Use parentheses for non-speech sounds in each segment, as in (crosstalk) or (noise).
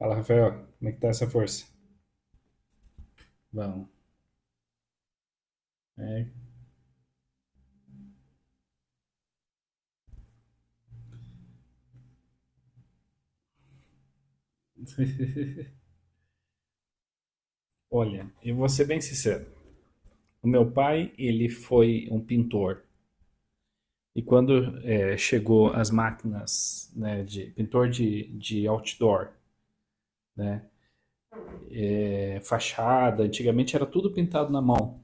Fala, Rafael, como é que tá essa força? Bom, é... (laughs) Olha, eu vou ser bem sincero. O meu pai, ele foi um pintor. E quando chegou as máquinas, né, de pintor de outdoor, né, fachada, antigamente era tudo pintado na mão,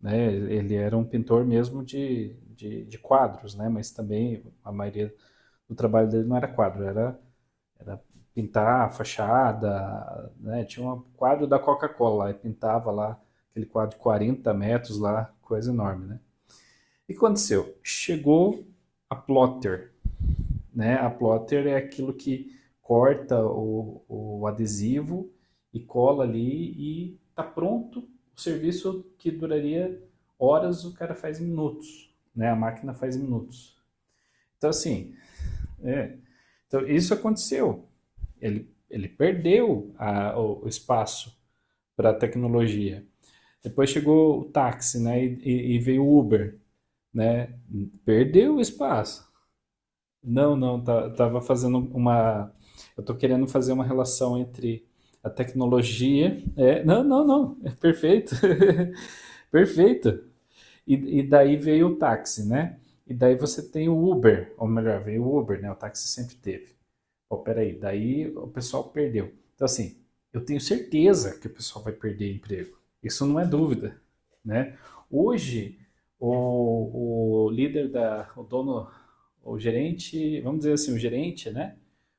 né? Ele era um pintor mesmo de quadros, né? Mas também a maioria do trabalho dele não era quadro, era pintar a fachada, né? Tinha um quadro da Coca-Cola lá, e pintava lá aquele quadro de 40 metros lá, coisa enorme, né? E o que aconteceu? Chegou a plotter, né? A plotter é aquilo que corta o adesivo e cola ali e tá pronto o serviço que duraria horas, o cara faz em minutos, né? A máquina faz em minutos. Então assim, é, então isso aconteceu. Ele perdeu a, o espaço para a tecnologia. Depois chegou o táxi, né? E veio o Uber, né? Perdeu o espaço. Não, não, tá, tava fazendo uma. Eu tô querendo fazer uma relação entre a tecnologia. É, não, não, não. É perfeito. (laughs) perfeito. E daí veio o táxi, né? E daí você tem o Uber, ou melhor, veio o Uber, né? O táxi sempre teve. Pô, peraí, daí o pessoal perdeu. Então, assim, eu tenho certeza que o pessoal vai perder emprego. Isso não é dúvida, né? Hoje, o líder da, o dono, o gerente, vamos dizer assim, o gerente, né?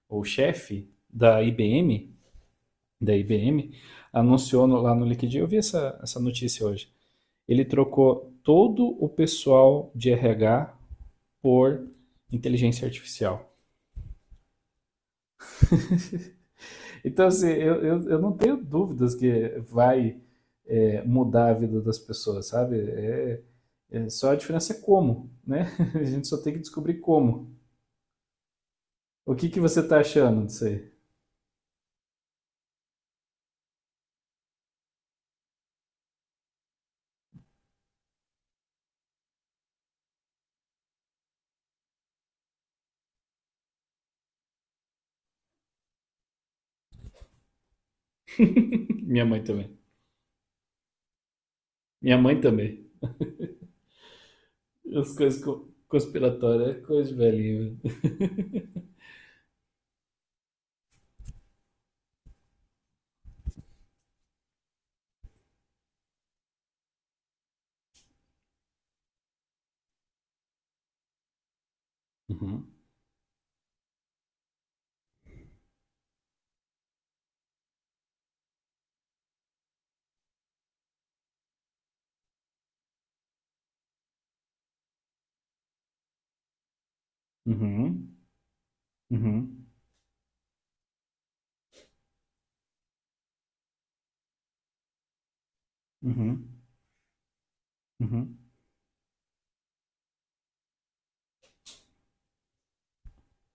O chefe da IBM, da IBM, anunciou no- lá no LinkedIn, eu vi essa notícia hoje. Ele trocou todo o pessoal de RH por inteligência artificial. (laughs) Então, assim, eu não tenho dúvidas que vai mudar a vida das pessoas, sabe? É só a diferença é como, né? (laughs) A gente só tem que descobrir como. O que que você tá achando disso aí? (laughs) Minha mãe também. Minha mãe também. As coisas conspiratórias é coisa de velhinho. Velho. Uhum. Uhum, uhum, uhum,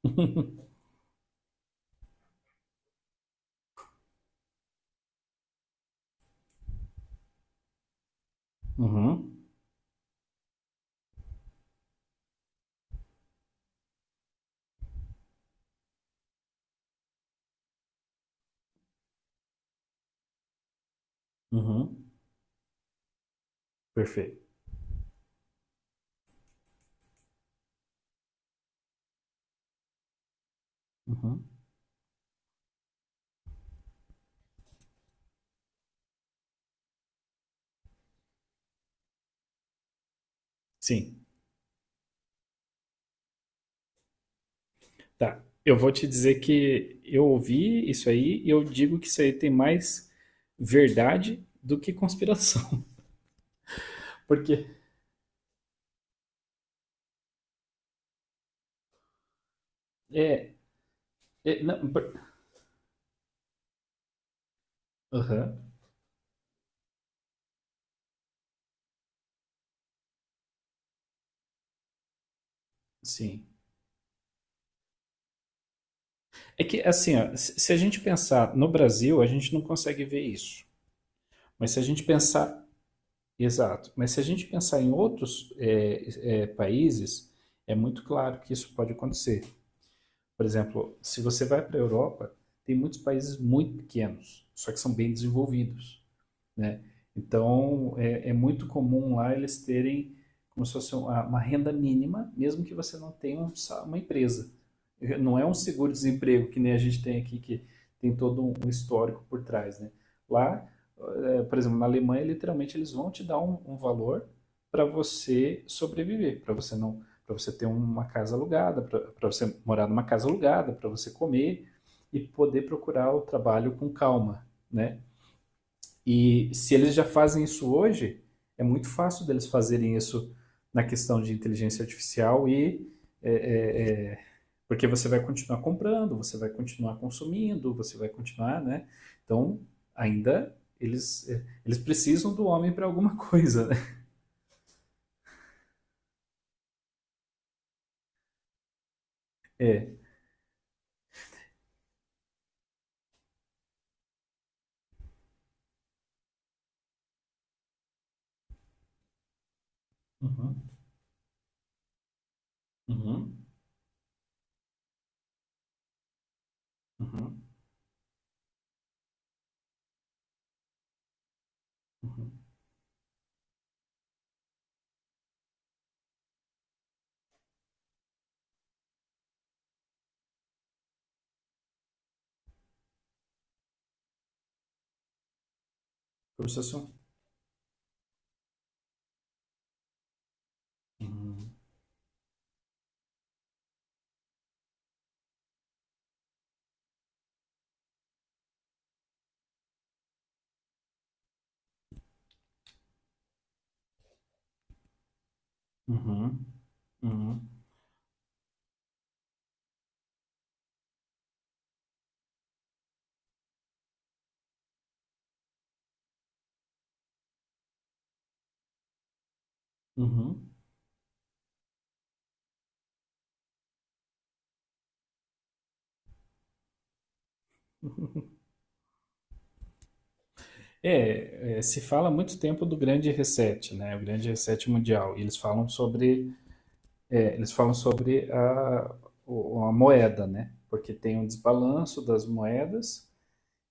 uhum, (laughs) uhum, uhum. Perfeito. Uhum. Sim. Tá. Eu vou te dizer que eu ouvi isso aí e eu digo que isso aí tem mais verdade do que conspiração. (laughs) Porque é, é, não, por- aham, sim. É que assim, ó, se a gente pensar no Brasil, a gente não consegue ver isso. Mas se a gente pensar, exato, mas se a gente pensar em outros países, é muito claro que isso pode acontecer. Por exemplo, se você vai para a Europa, tem muitos países muito pequenos, só que são bem desenvolvidos. Né? Então, é muito comum lá eles terem como se fosse uma renda mínima, mesmo que você não tenha um uma empresa. Não é um seguro-desemprego que nem a gente tem aqui, que tem todo um um histórico por trás, né? Lá, por exemplo, na Alemanha, literalmente eles vão te dar um valor para você sobreviver, para você não, para você ter uma casa alugada, para você morar numa casa alugada, para você comer e poder procurar o trabalho com calma, né? E se eles já fazem isso hoje, é muito fácil deles fazerem isso na questão de inteligência artificial e é, é, é, porque você vai continuar comprando, você vai continuar consumindo, você vai continuar, né? Então ainda eles precisam do homem para alguma (laughs) coisa, né? É. Uhum, uhum, uhum, uhum. Processão. Uhum, uhum, uhum, uhum. Se fala há muito tempo do grande reset, né? O grande reset mundial. E eles falam sobre é, eles falam sobre a moeda, né? Porque tem um desbalanço das moedas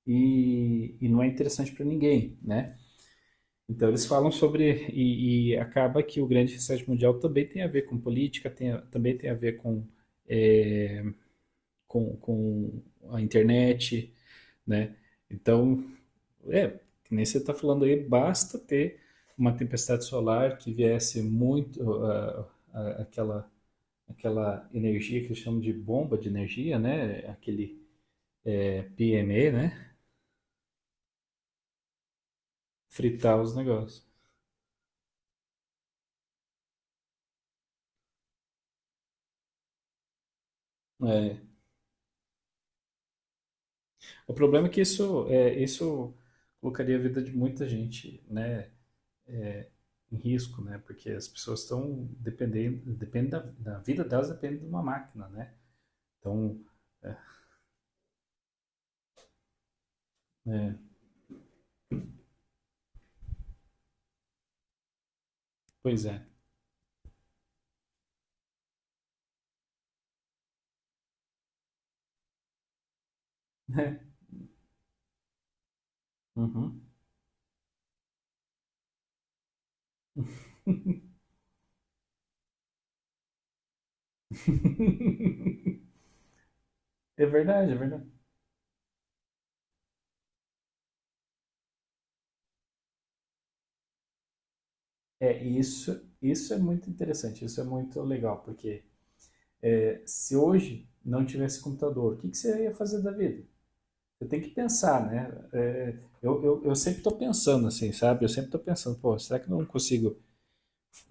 e não é interessante para ninguém, né? Então eles falam sobre e acaba que o grande reset mundial também tem a ver com política, também tem a ver com, é, com a internet, né? Então, é, que nem você está falando aí, basta ter uma tempestade solar que viesse muito aquela aquela energia que eles chamam de bomba de energia, né? PME, né? Fritar os negócios. É. O problema é que isso colocaria a vida de muita gente, né? Em risco, né? Porque as pessoas estão dependendo, depende da, da vida delas depende de uma máquina, né? Então, é, é, pois é. É, uhum. (laughs) É verdade, é verdade. Isso, isso é muito interessante, isso é muito legal, porque é, se hoje não tivesse computador, o que, que você ia fazer da vida? Você tem que pensar, né? Eu sempre estou pensando assim, sabe? Eu sempre estou pensando, pô, será que eu não consigo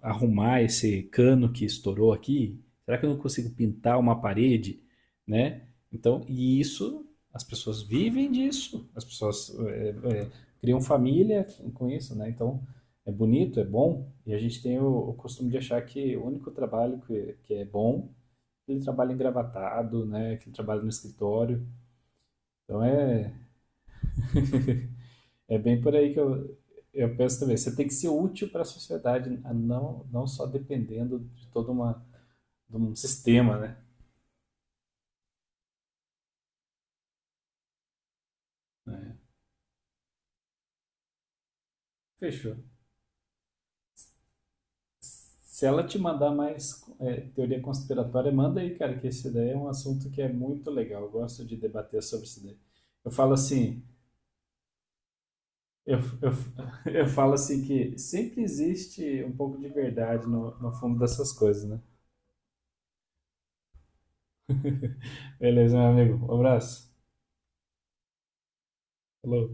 arrumar esse cano que estourou aqui? Será que eu não consigo pintar uma parede, né? Então, e isso, as pessoas vivem disso, as pessoas criam família com isso, né? Então, é bonito, é bom, e a gente tem o costume de achar que o único trabalho que é bom ele trabalha engravatado, né? Que ele trabalha no escritório. Então é, (laughs) é bem por aí que eu penso também. Você tem que ser útil para a sociedade, não, não só dependendo de todo uma, de um sistema, né? Fechou. Se ela te mandar mais teoria conspiratória, manda aí, cara, que esse daí é um assunto que é muito legal. Eu gosto de debater sobre isso daí. Eu falo assim, eu, eu, (laughs) eu falo assim que sempre existe um pouco de verdade no fundo dessas coisas, né? Beleza, meu amigo. Um abraço. Hello